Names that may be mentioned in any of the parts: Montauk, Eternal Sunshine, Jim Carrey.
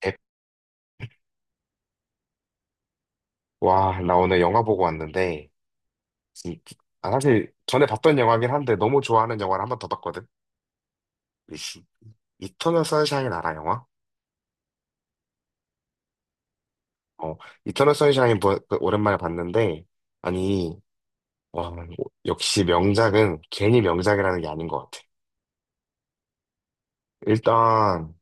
백- 와, 나 오늘 영화 보고 왔는데, 이- 사실 전에 봤던 영화긴 한데 너무 좋아하는 영화를 한번 더 봤거든. 이- 이터널 선샤인 알아, 영화? 어, 이터널 선샤인 그 오랜만에 봤는데, 아니, 와, 역시 명작은 괜히 명작이라는 게 아닌 것 같아. 일단,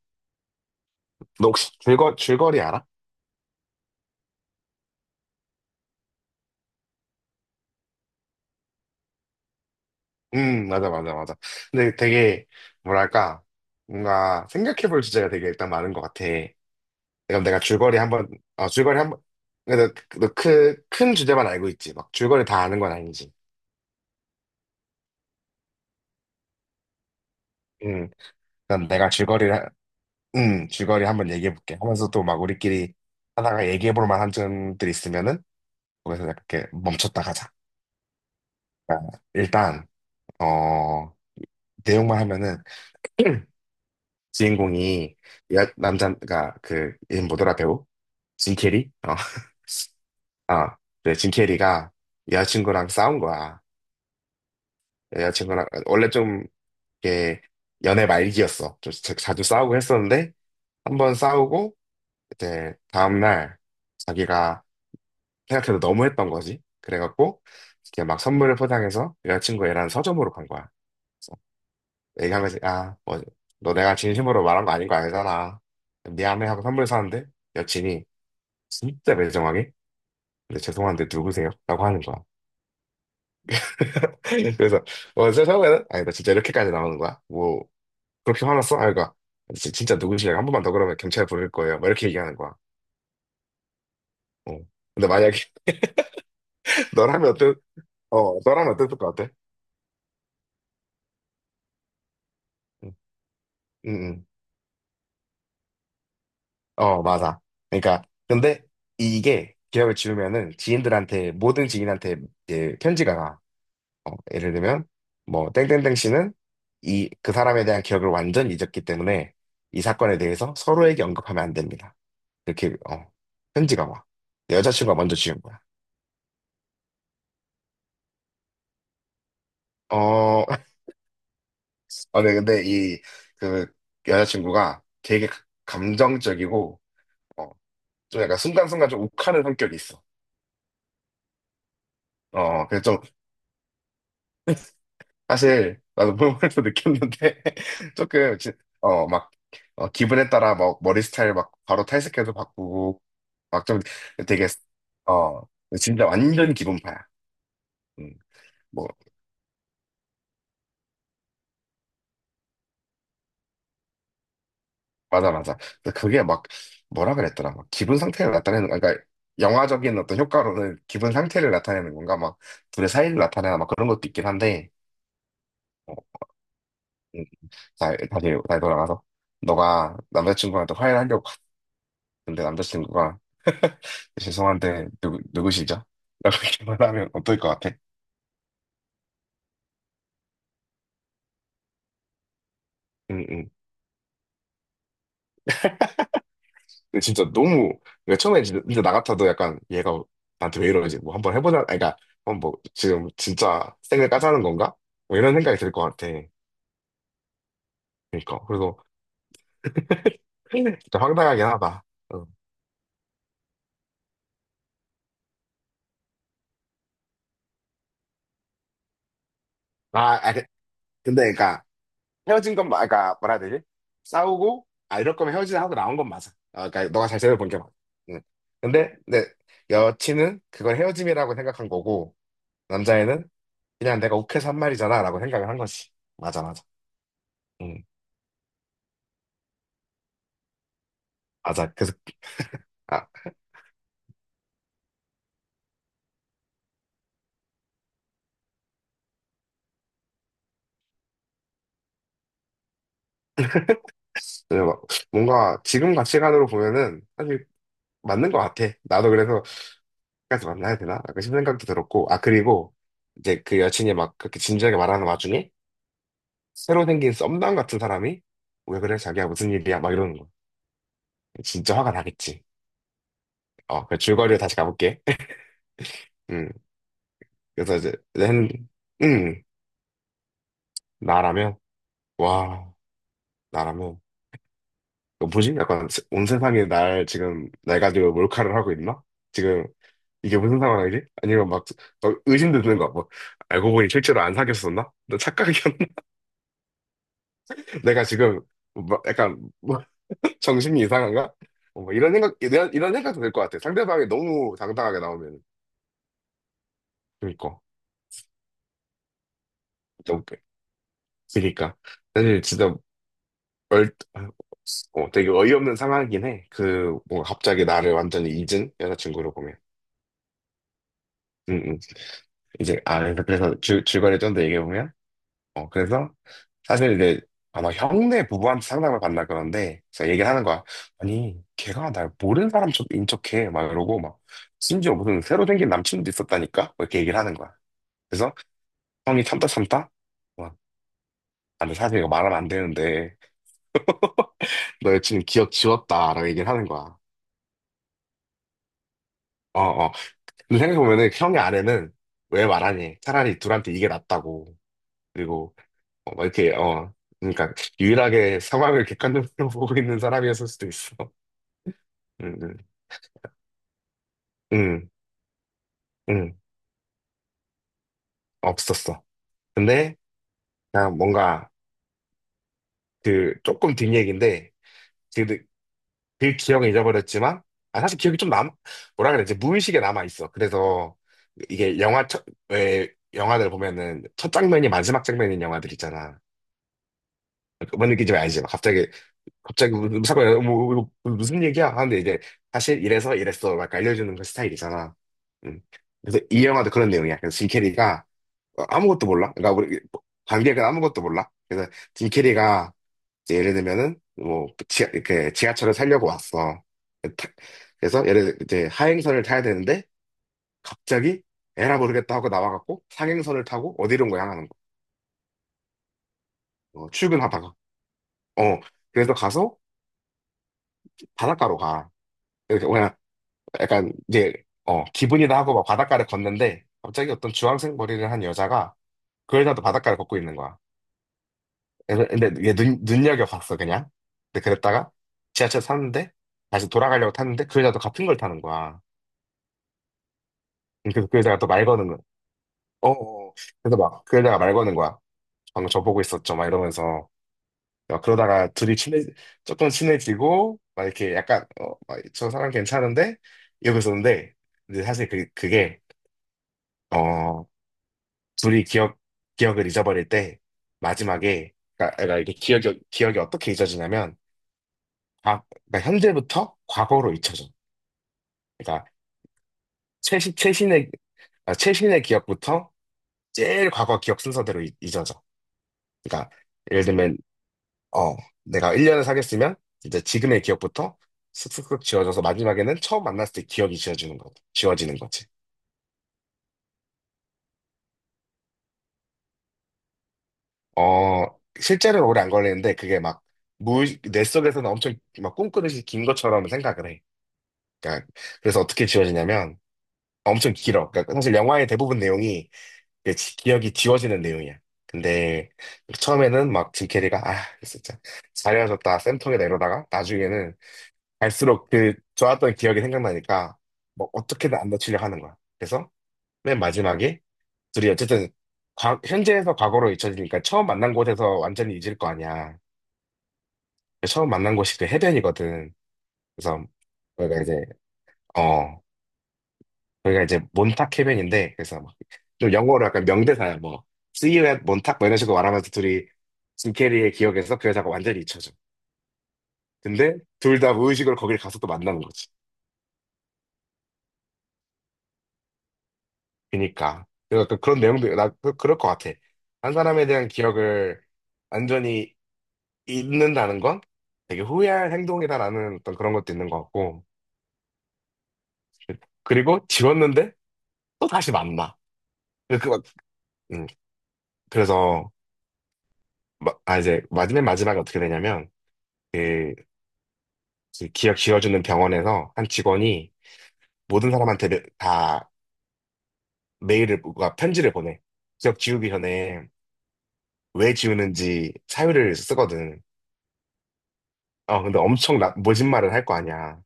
너 혹시 줄거리 알아? 맞아, 맞아, 맞아. 근데 되게, 뭐랄까, 뭔가 생각해볼 주제가 되게 일단 많은 것 같아. 그럼 내가 줄거리 한번, 줄거리 한번, 근데 너 그, 큰 주제만 알고 있지. 막 줄거리 다 아는 건 아니지. 응. 그럼 내가 줄거리를, 응, 줄거리 한번 얘기해볼게. 하면서 또 막 우리끼리 하다가 얘기해볼 만한 점들이 있으면은, 거기서 약간 이렇게 멈췄다 가자. 그러니까 일단, 어, 내용만 하면은, 주인공이, 여, 남자, 가 그, 이 뭐더라, 배우? 짐 캐리? 어. 아, 네, 짐 캐리가 여자친구랑 싸운 거야. 여자친구랑, 원래 좀 이게 연애 말기였어. 좀 자주 싸우고 했었는데 한번 싸우고 이제 다음날 자기가 생각해도 너무했던 거지. 그래갖고 이렇게 막 선물을 포장해서 여자친구애랑 서점으로 간 거야. 그래서 얘기한 거지. 아, 뭐, 너 내가 진심으로 말한 거 아닌 거 알잖아. 미안해 하고 선물 사는데 여친이 진짜 매정하게 근데 죄송한데 누구세요? 라고 하는 거야. 그래서 어, 그래서 처음에는 아니 나 진짜 이렇게까지 나오는 거야? 뭐 그렇게 화났어? 아, 그러니까 진짜 누구시냐? 한 번만 더 그러면 경찰 부를 거예요. 막 이렇게 얘기하는 거야. 어. 근데 만약에 너라면 어땠, 어, 너라면 어땠을 것 같아? 응, 응, 응. 어, 맞아. 그러니까 근데 이게 기억을 지우면은 지인들한테 모든 지인한테 이제 편지가 가. 어, 예를 들면 뭐 땡땡땡 씨는 이 그 사람에 대한 기억을 완전히 잊었기 때문에 이 사건에 대해서 서로에게 언급하면 안 됩니다. 이렇게 어, 편지가 와. 여자친구가 먼저 지운 거야. 어, 아, 네, 근데 이, 그, 여자친구가 되게 감정적이고, 어, 좀 약간 순간순간 좀 욱하는 성격이 있어. 어, 그래서 좀, 사실, 나도 보면서 느꼈는데, 조금, 지- 어, 막, 어, 기분에 따라 막 머리 스타일 막 바로 탈색해도 바꾸고, 막 좀 되게, 어, 진짜 완전 기분파야. 음, 뭐, 맞아, 맞아. 근데 그게 막, 뭐라 그랬더라. 막 기분 상태를 나타내는, 그러니까 영화적인 어떤 효과로는 기분 상태를 나타내는 건가? 막 둘의 사이를 나타내나 막 그런 것도 있긴 한데, 어, 음, 다시 돌아가서. 너가 남자친구한테 화해를 하려고 갔는데 남자친구가 죄송한데 누구시죠? 라고 이렇게 말하면 어떨 것 같아? 응, 응. 근데 진짜 너무, 그러니까 처음에 진짜 나 같아도 약간 얘가 나한테 왜 이러지? 뭐 한번 해보자. 아니, 그러니까, 어, 뭐, 지금 진짜 생을 까자는 건가? 뭐 이런 생각이 들 것 같아. 그러니까 그래서 진짜 황당하긴 하다. 응. 아, 아, 근데 그러니까 헤어진 건 그러니까 뭐라 해야 되지? 싸우고 아 이럴 거면 헤어지자 하고 나온 건 맞아. 아, 그러니까 너가 잘 생각해 본게 맞아. 응. 근데 내 여친은 그걸 헤어짐이라고 생각한 거고 남자애는 그냥 내가 욱해서 한 말이잖아라고 생각을 한 거지. 맞아, 맞아. 응, 맞아. 그래서 아, 그래서 막 뭔가 지금 가치관으로 보면은 사실 맞는 것 같아. 나도 그래서 까지 만나야 되나? 약간 싶은 생각도 들었고, 아, 그리고 이제 그 여친이 막 그렇게 진지하게 말하는 와중에 새로 생긴 썸남 같은 사람이 왜 그래? 자기야 무슨 일이야? 막 이러는 거. 진짜 화가 나겠지. 어, 그 줄거리로 다시 가볼게. 음, 그래서 이제 낸, 음, 나라면 와, 나라면 너 뭐지? 약간 온 세상이 날 지금 날 가지고 몰카를 하고 있나? 지금 이게 무슨 상황이지? 아니면 막, 어, 의심도 드는 거야. 뭐 알고 보니 실제로 안 사귀었었나? 너 착각이었나? 내가 지금 뭐 약간 뭐 정신이 이상한가? 어, 뭐 이런 생각 이런 생각도 들 것 같아. 상대방이 너무 당당하게 나오면 그니까 너무 그니까 사실 진짜 얼 되게 어이없는 상황이긴 해. 그 뭔가 갑자기 나를 완전히 잊은 여자친구로 보면. 음, 음. 이제 아 그래서 줄 줄거리 좀 더 얘기해 보면. 어, 그래서 사실 이제 아마 형네 부부한테 상담을 받나 그런데 제가 얘기를 하는 거야. 아니, 걔가 날 모르는 사람처럼 인척해. 막 이러고 막 심지어 무슨 새로 생긴 남친도 있었다니까? 뭐 이렇게 얘기를 하는 거야. 그래서 형이 참다 참다 막, 아, 근데 사실 이거 말하면 안 되는데 너 여친 기억 지웠다 라고 얘기를 하는 거야. 어, 어. 근데 생각해보면은 그 형의 아내는 왜 말하니? 차라리 둘한테 이게 낫다고. 그리고 어, 막 이렇게 어 그러니까 유일하게 상황을 객관적으로 보고 있는 사람이었을 수도 있어. 응, 응, 응, 응, 없었어. 근데 그냥 뭔가 그 조금 뒷 얘기인데 그, 그 기억은 잊어버렸지만 아 사실 기억이 좀 남아 뭐라 그래 이제 무의식에 남아 있어. 그래서 이게 영화 첫왜 영화들 보면은 첫 장면이 마지막 장면인 영화들 있잖아. 뭔 느낌인지 알지? 막 갑자기 갑자기 무슨 야뭐 이거 무슨 얘기야? 하는데 이제 사실 이래서 이랬어 막 알려주는 그 스타일이잖아. 음. 그래서 이 영화도 그런 내용이야. 그래서 짐 캐리가 어, 아무것도 몰라. 그러니까 우리 관객은 아무것도 몰라. 그래서 짐 캐리가 이제 예를 들면은 뭐 지하, 이렇게 지하철을 타려고 왔어. 그 타- 그래서 이제 하행선을 타야 되는데 갑자기 에라 모르겠다 하고 나와갖고 상행선을 타고 어디론가 향하는 거. 어, 출근하다가. 어 그래서 가서 바닷가로 가. 이렇게 약간 이제 어 기분이다 하고 막 바닷가를 걷는데 갑자기 어떤 주황색 머리를 한 여자가 그 여자도 바닷가를 걷고 있는 거야. 그래서- 근데 이게 눈여겨봤어 그냥. 근데 그랬다가 지하철 탔는데 다시 돌아가려고 탔는데 그 여자도 같은 걸 타는 거야. 그래서 그 여자가 또 말 거는 거야. 어, 어. 어. 그래서 막 그 여자가 말 거는 거야. 방금 저 보고 있었죠 막 이러면서 막 그러다가 둘이 친해 조금 친해지고 막 이렇게 약간 어, 막저 사람 괜찮은데 이러고 있었는데 근데 사실 그, 그게 어 둘이 기억을 잊어버릴 때, 마지막에, 그러니까, 그러니까 이게 기억이 어떻게 잊어지냐면, 그러니까 현재부터 과거로 잊혀져. 그러니까, 최신의, 아, 최신의 기억부터 제일 과거 기억 순서대로 잊어져. 그러니까, 예를 들면, 어, 내가 1년을 사귀었으면, 이제 지금의 기억부터 슥슥슥 지워져서 마지막에는 처음 만났을 때 기억이 지워지는 거, 지워지는 거지. 어, 실제로는 오래 안 걸리는데, 그게 막, 무, 뇌 속에서는 엄청 막 꿈꾸듯이 긴 것처럼 생각을 해. 그러니까 그래서 어떻게 지워지냐면 엄청 길어. 그러니까 사실 영화의 대부분 내용이 그 기억이 지워지는 내용이야. 근데 처음에는 막 짐 캐리가 아 진짜 잘해줬다 쌤통에다 이러다가 나중에는 갈수록 그 좋았던 기억이 생각나니까 뭐 어떻게든 안 놓치려고 하는 거야. 그래서 맨 마지막에 둘이 어쨌든 현재에서 과거로 잊혀지니까 처음 만난 곳에서 완전히 잊을 거 아니야. 처음 만난 곳이 그 해변이거든. 그래서 우리가 이제 어 거기가 이제 몬탁 해변인데 그래서 막좀 영어로 약간 명대사야 뭐 See you at 몬탁 뭐 이런 식으로 말하면서 둘이 짐 캐리의 기억에서 그 여자가 완전히 잊혀져. 근데 둘 다 무의식으로 거길 가서 또 만나는 거지. 그니까 그래서 약간 그런 내용도 나 그럴 것 같아. 한 사람에 대한 기억을 완전히 잊는다는 건 되게 후회할 행동이다라는 어떤 그런 것도 있는 것 같고 그리고 지웠는데 또 다시 만나. 그막 음, 그래서 이제 마지막 마지막에 어떻게 되냐면 그 그 기억 지워주는 병원에서 한 직원이 모든 사람한테 메- 다 메일을, 뭔가 편지를 보내. 기억 지우기 전에 왜 지우는지 사유를 쓰거든. 어, 근데 엄청 나, 모진말을 할 거 아니야.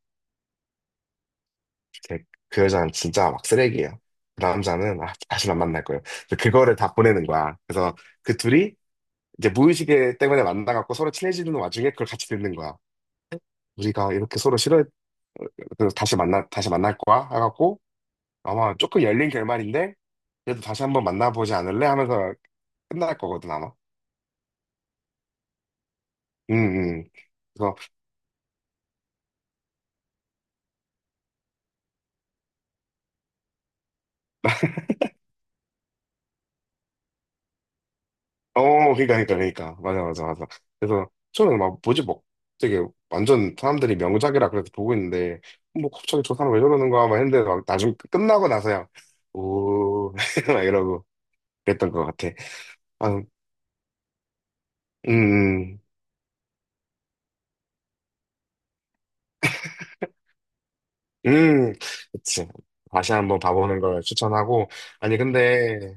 걔- 그 여자는 진짜 막 쓰레기예요. 그 남자는, 아, 다시 안 만날 거예요. 그래서 그거를 다 보내는 거야. 그래서 그 둘이 이제 무의식에 때문에 만나갖고 서로 친해지는 와중에 그걸 같이 듣는 거야. 우리가 이렇게 서로 싫어, 어, 어, 그래서 다시 만나, 다시 만날 거야? 해갖고 아마 조금 열린 결말인데 그래도 다시 한번 만나보지 않을래? 하면서 끝날 거거든 아마. 음, 음. 그래서 어 그러니까 그러니까 맞아 맞아 맞아. 그래서 저는 막 뭐지 뭐 되게 완전 사람들이 명작이라 그래서 보고 있는데 뭐 갑자기 저 사람 왜 저러는 거야 막 했는데 막 나중 끝나고 나서야 오 막 이러고 그랬던 것 같아. 아, 음, 음, 음, 그치. 다시 한번 봐보는 걸 추천하고 아니 근데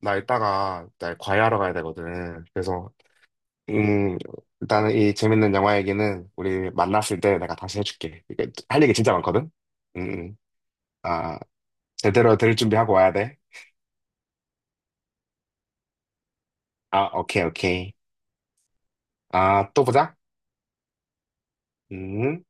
나 이따가 나 과외하러 가야 되거든. 그래서 음, 일단은 이 재밌는 영화 얘기는 우리 만났을 때 내가 다시 해줄게. 이게 할 얘기 진짜 많거든? 음, 음. 아, 제대로 들을 준비하고 와야 돼. 아, 오케이, 오케이. 아, 또 보자. 음.